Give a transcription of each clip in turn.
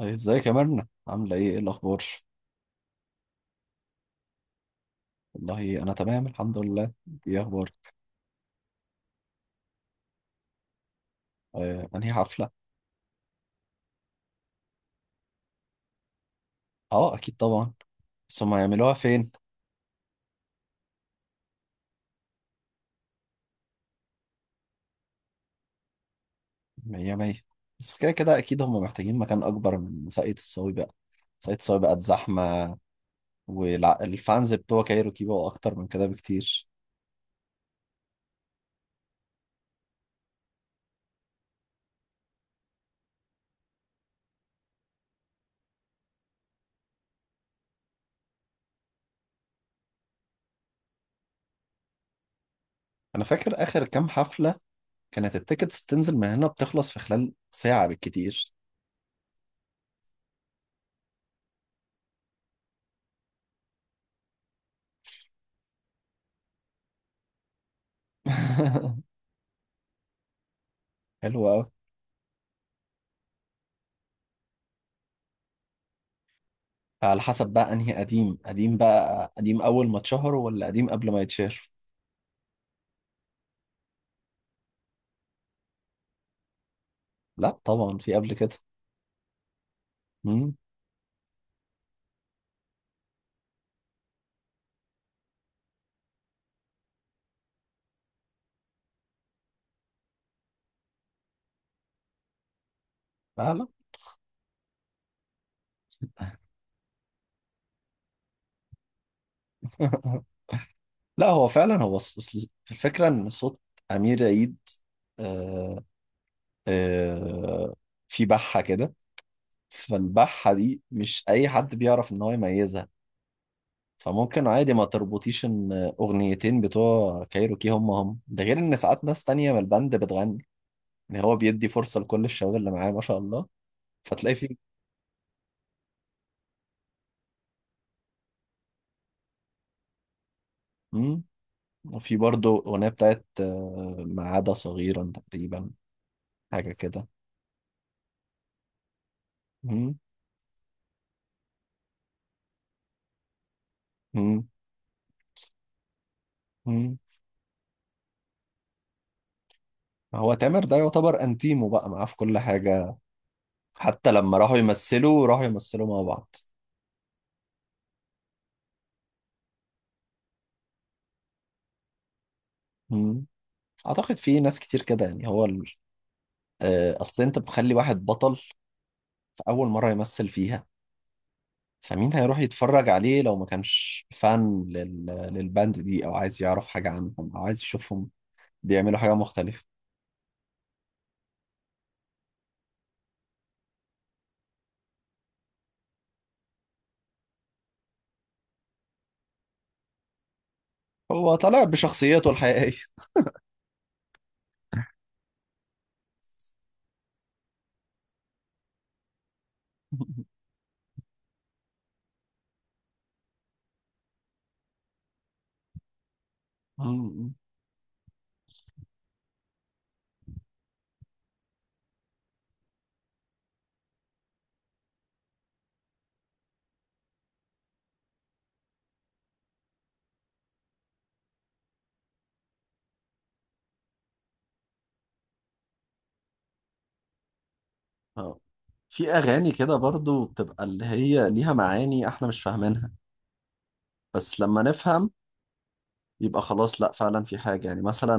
أي، ازيك يا مرنة؟ عاملة ايه الأخبار؟ والله أنا تمام الحمد لله. ايه أخبار؟ آه، أنهي حفلة؟ اه، أكيد طبعا. بس هما يعملوها فين؟ مية مية. بس كده كده أكيد هما محتاجين مكان أكبر من ساقية الصاوي بقى. ساقية الصاوي بقت زحمة. والفانز بتوع كايروكي بقوا أكتر من كده بكتير. أنا فاكر آخر كام حفلة كانت التيكتس بتنزل من هنا، بتخلص في خلال ساعة بالكتير. حلو أوي. على حسب بقى أنهي قديم؟ قديم بقى قديم أول ما اتشهر ولا قديم قبل ما يتشهر؟ لا طبعا، في قبل كده. امم. لا لا. لا، هو فعلا هو أصل الفكرة ان صوت امير عيد آه آه في بحة كده. فالبحة دي مش اي حد بيعرف ان هو يميزها. فممكن عادي ما تربطيش ان اغنيتين بتوع كايروكي هم هم، ده غير ان ساعات ناس تانية من البند بتغني. يعني هو بيدي فرصة لكل الشباب اللي معاه ما شاء الله. فتلاقي في امم وفي برضه اغنية بتاعت ما عدا صغيرا تقريبا، حاجة كده. مم. مم. مم. هو تامر ده يعتبر انتيمو بقى معاه في كل حاجة. حتى لما راحوا يمثلوا راحوا يمثلوا مع بعض. مم. اعتقد في ناس كتير كده. يعني هو اصل انت بتخلي واحد بطل في اول مرة يمثل فيها، فمين هيروح يتفرج عليه لو ما كانش فان للباند دي، او عايز يعرف حاجة عنهم، او عايز يشوفهم بيعملوا حاجة مختلفة. هو طالع بشخصيته الحقيقية. مم. آه. في أغاني كده برضو بتبقى اللي هي ليها معاني إحنا مش فاهمينها. بس لما نفهم يبقى خلاص، لا فعلا في حاجة. يعني مثلا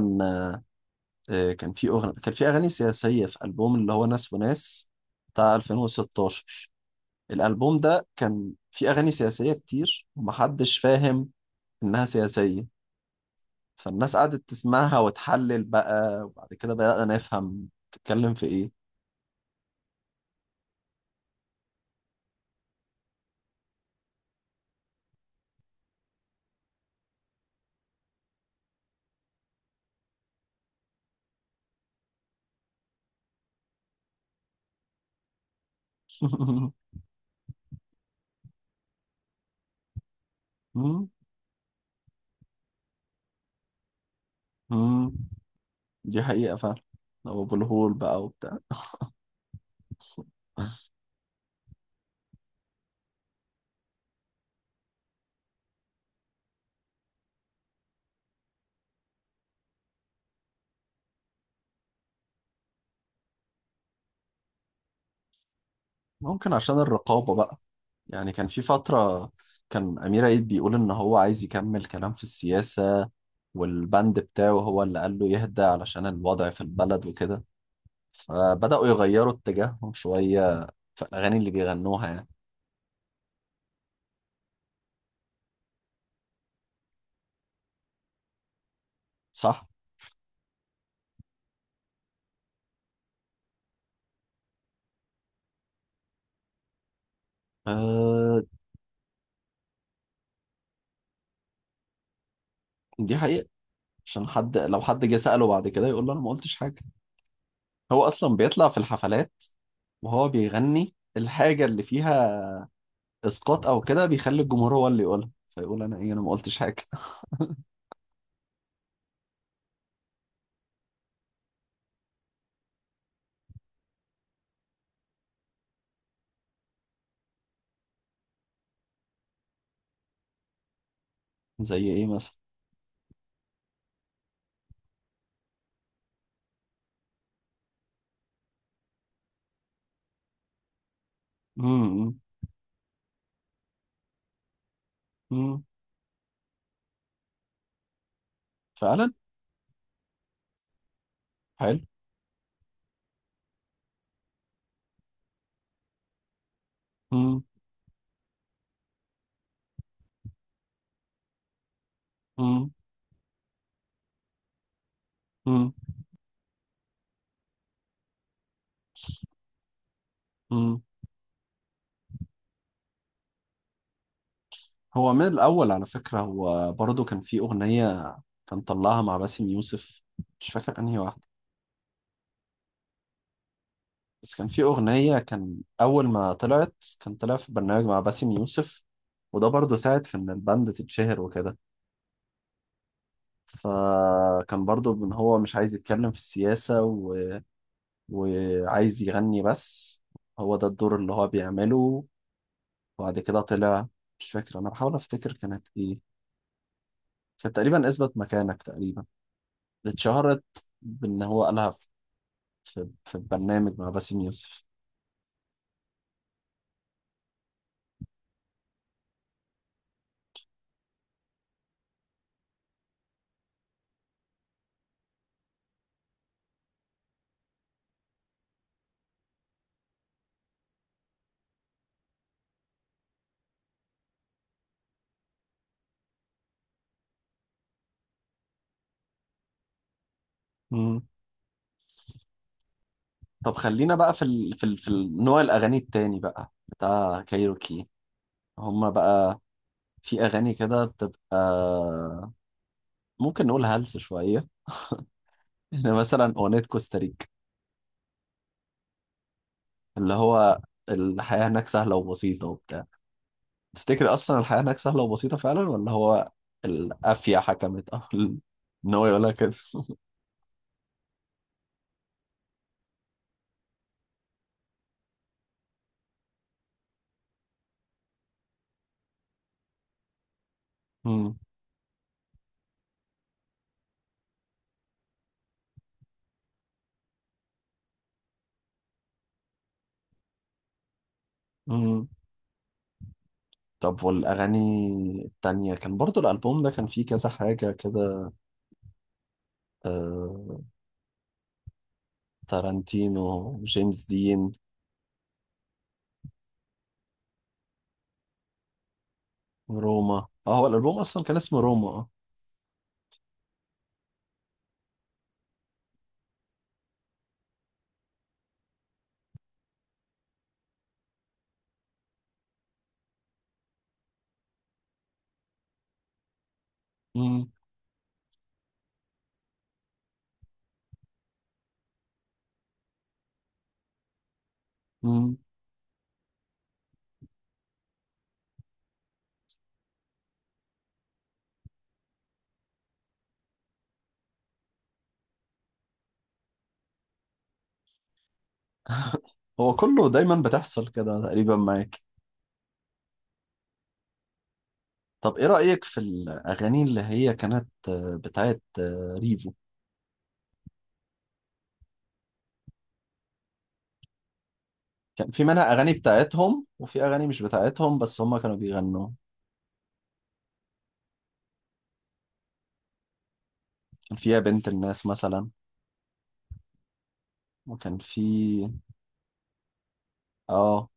كان في أغاني سياسية في ألبوم اللي هو ناس وناس بتاع 2016. الألبوم ده كان في أغاني سياسية كتير ومحدش فاهم إنها سياسية. فالناس قعدت تسمعها وتحلل بقى، وبعد كده بدأنا نفهم تتكلم في إيه. مم، مم. دي حقيقة فعلا. أو أبو الهول بقى وبتاع. ممكن عشان الرقابة بقى. يعني كان في فترة كان أمير عيد بيقول إن هو عايز يكمل كلام في السياسة، والبند بتاعه هو اللي قال له يهدى علشان الوضع في البلد وكده. فبدأوا يغيروا اتجاههم شوية في الأغاني اللي بيغنوها يعني. صح؟ أه. دي حقيقة. عشان حد لو حد جه سأله بعد كده يقول له أنا ما قلتش حاجة. هو أصلا بيطلع في الحفلات وهو بيغني الحاجة اللي فيها إسقاط أو كده بيخلي الجمهور هو اللي يقولها، فيقول أنا إيه؟ أنا ما قلتش حاجة. زي إيه مثلا؟ امم امم فعلا حلو. مم. مم. مم. مم. هو من الأول على فكرة، هو برضه كان في أغنية كان طلعها مع باسم يوسف، مش فاكر أنهي واحدة. بس كان في أغنية كان أول ما طلعت كان طلع في برنامج مع باسم يوسف. وده برضه ساعد في إن الباند تتشهر وكده. فكان برضه إن هو مش عايز يتكلم في السياسة، و... وعايز يغني بس. هو ده الدور اللي هو بيعمله. وبعد كده طلع، مش فاكر، أنا بحاول أفتكر كانت إيه. فتقريبا اثبت مكانك، تقريبا اتشهرت بان هو قالها في في برنامج مع باسم يوسف. مم. طب خلينا بقى في نوع الاغاني التاني بقى بتاع كايروكي. هما بقى في اغاني كده بتبقى ممكن نقول هلس شويه. يعني مثلا اغنيه كوستاريكا، اللي هو الحياه هناك سهله وبسيطه وبتاع. تفتكر اصلا الحياه هناك سهله وبسيطه فعلا، ولا هو القافيه حكمت او ان هو يقولها كده. مم. مم. طب والأغاني التانية؟ كان برضو الألبوم ده كان فيه كذا حاجة كده. آه، تارانتينو، جيمس دين، روما. اه، هو الألبوم أصلا كان اسمه روما. اه. مم، مم. هو كله دايما بتحصل كده تقريبا معاك. طب إيه رأيك في الأغاني اللي هي كانت بتاعت ريفو؟ كان في منها أغاني بتاعتهم وفي أغاني مش بتاعتهم بس هما كانوا بيغنوا. كان فيها بنت الناس مثلا، وكان في، اه.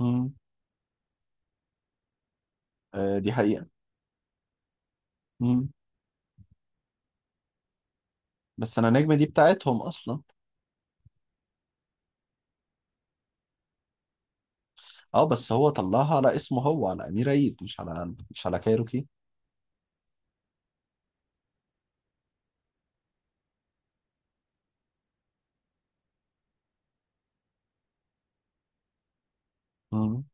مم، آه، دي حقيقة. بس انا نجم دي بتاعتهم اصلا. اه، بس هو طلعها على اسمه هو، على امير عيد، مش على كايروكي. مم.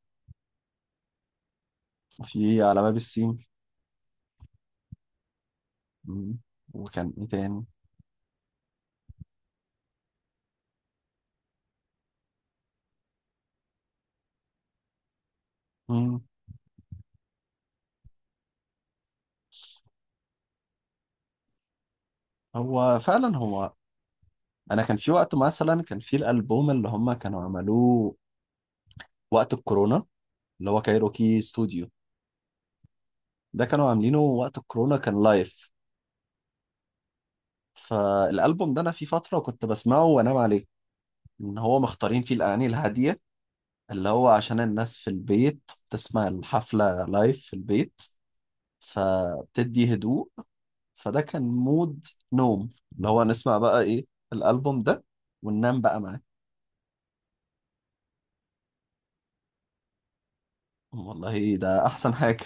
وفي على باب السيم. مم. وكان ايه تاني؟ مم. هو فعلا، هو انا كان في وقت مثلا كان في الالبوم اللي هم كانوا عملوه وقت الكورونا اللي هو كايروكي ستوديو. ده كانوا عاملينه وقت الكورونا، كان لايف. فالالبوم ده انا في فتره كنت بسمعه وانام عليه، ان هو مختارين فيه الاغاني الهاديه اللي هو عشان الناس في البيت بتسمع الحفلة لايف في البيت. فبتدي هدوء. فده كان مود نوم، اللي هو نسمع بقى ايه؟ الألبوم ده وننام بقى معاه. والله ده أحسن حاجة.